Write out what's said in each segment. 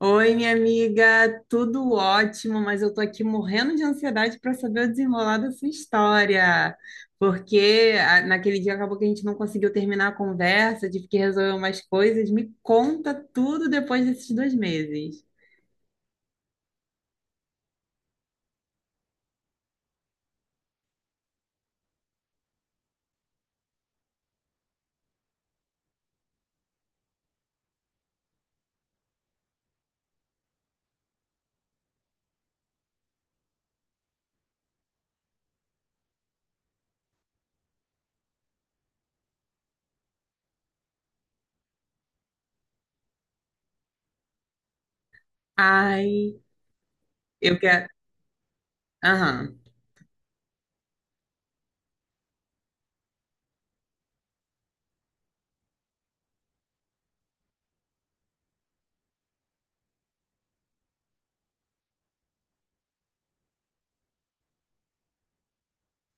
Oi, minha amiga, tudo ótimo, mas eu tô aqui morrendo de ansiedade para saber o desenrolar da sua história, porque naquele dia acabou que a gente não conseguiu terminar a conversa, tive que resolver umas coisas. Me conta tudo depois desses 2 meses. Ai, eu quero. Aham,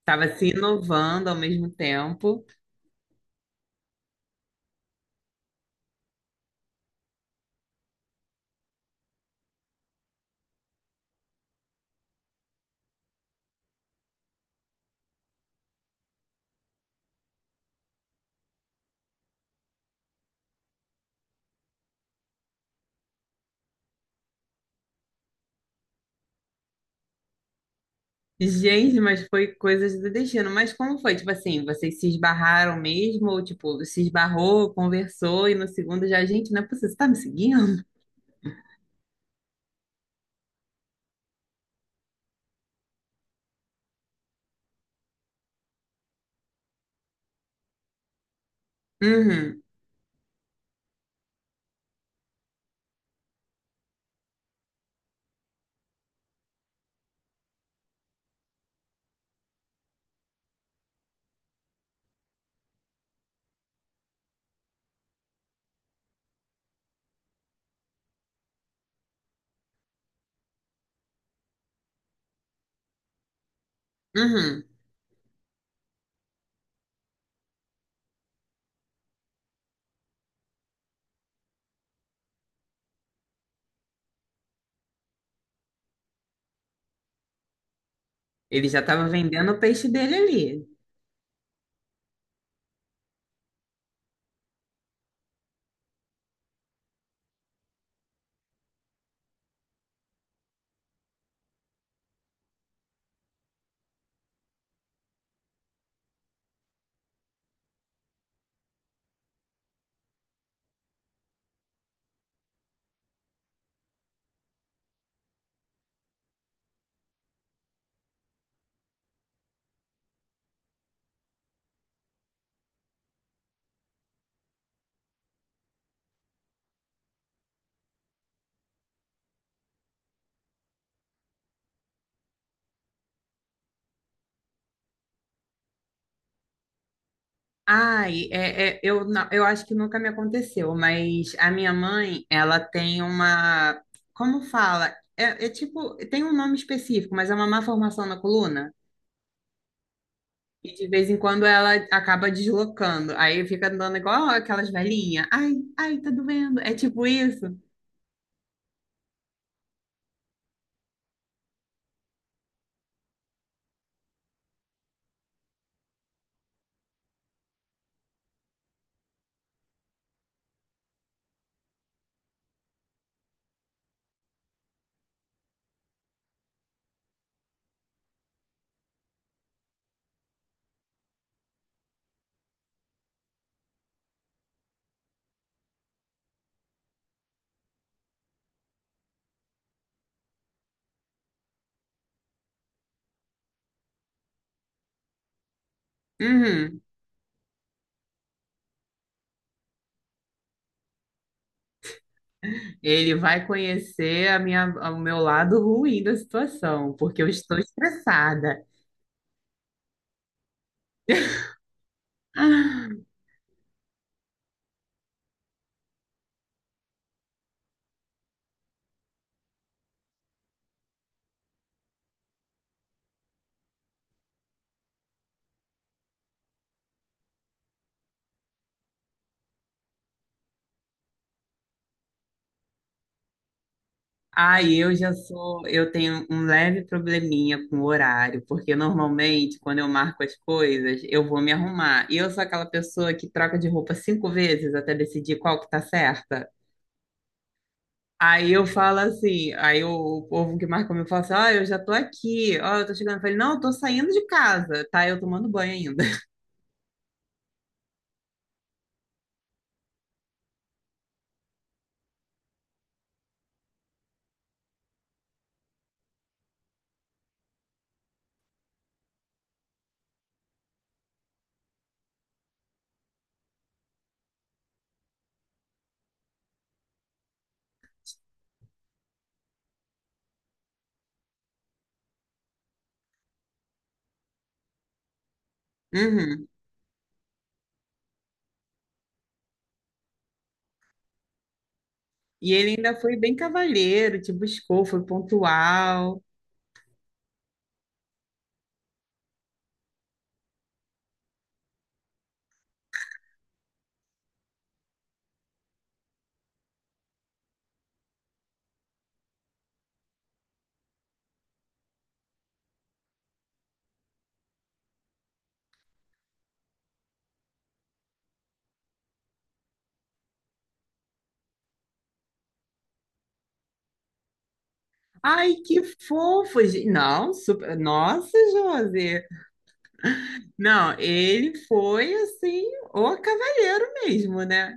tava se inovando ao mesmo tempo. Gente, mas foi coisas do destino. Mas como foi? Tipo assim, vocês se esbarraram mesmo? Ou tipo, se esbarrou, conversou e no segundo já, gente, não é possível, você tá me seguindo? Uhum, uhum. Ele já estava vendendo o peixe dele ali. Ai, é, é, eu acho que nunca me aconteceu, mas a minha mãe, ela tem uma. Como fala? É, é tipo, tem um nome específico, mas é uma má formação na coluna. E de vez em quando ela acaba deslocando. Aí fica andando igual aquelas velhinhas. Ai, ai, tá doendo. É tipo isso. Uhum. Ele vai conhecer a minha, o meu lado ruim da situação, porque eu estou estressada. Ah, ai, eu já sou, eu tenho um leve probleminha com o horário, porque normalmente quando eu marco as coisas, eu vou me arrumar. E eu sou aquela pessoa que troca de roupa 5 vezes até decidir qual que tá certa. Aí eu falo assim, o povo que marca comigo fala assim: ó, eu já tô aqui, ó, eu tô chegando. Eu falei: não, eu tô saindo de casa, tá? Eu tomando banho ainda. Uhum. E ele ainda foi bem cavalheiro, te buscou, foi pontual. Ai, que fofo! Não, super. Nossa, José! Não, ele foi assim, o cavalheiro mesmo, né?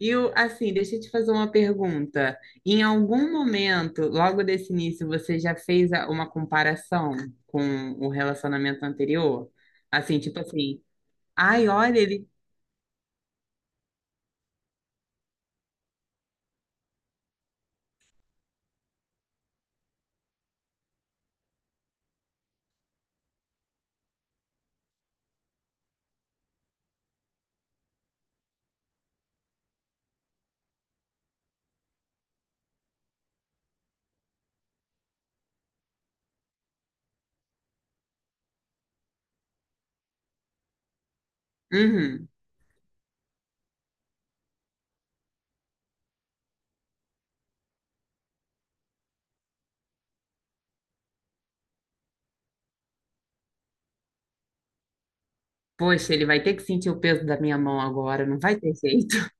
E assim, deixa eu te fazer uma pergunta. Em algum momento, logo desse início, você já fez uma comparação com o relacionamento anterior? Assim, tipo assim, ai, olha, ele. Uhum. Poxa, ele vai ter que sentir o peso da minha mão agora, não vai ter jeito.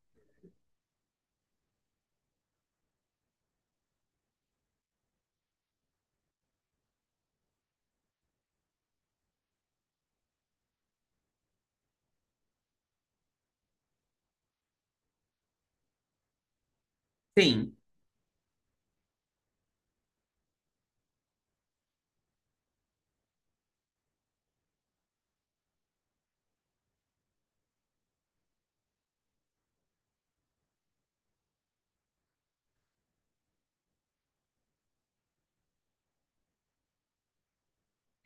Sim.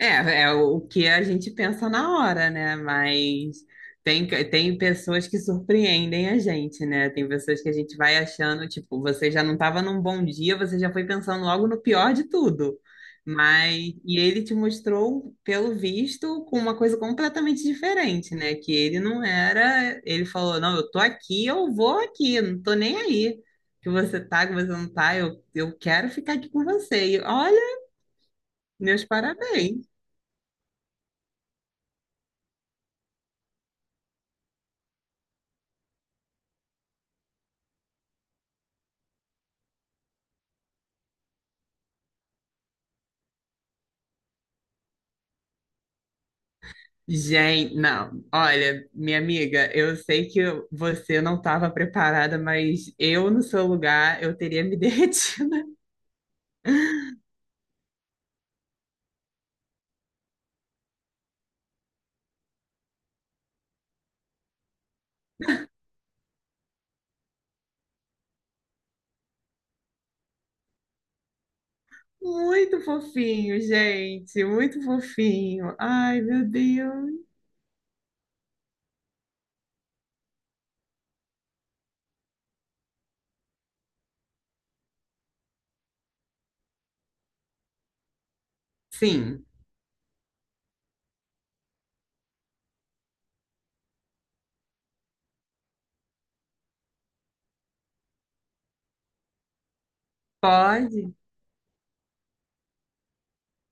É, é o que a gente pensa na hora, né? Mas tem, tem pessoas que surpreendem a gente, né? Tem pessoas que a gente vai achando, tipo, você já não estava num bom dia, você já foi pensando logo no pior de tudo. Mas, e ele te mostrou, pelo visto, com uma coisa completamente diferente, né? Que ele não era, ele falou, não, eu tô aqui, eu vou aqui, eu não tô nem aí. Que você tá, que você não tá, eu quero ficar aqui com você. E olha, meus parabéns. Gente, não, olha, minha amiga, eu sei que você não estava preparada, mas eu no seu lugar, eu teria me derretido. Muito fofinho, gente, muito fofinho. Ai, meu Deus. Sim, pode?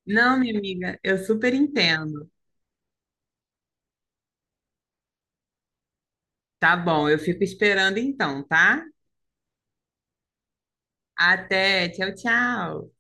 Não, minha amiga, eu super entendo. Tá bom, eu fico esperando então, tá? Até, tchau, tchau.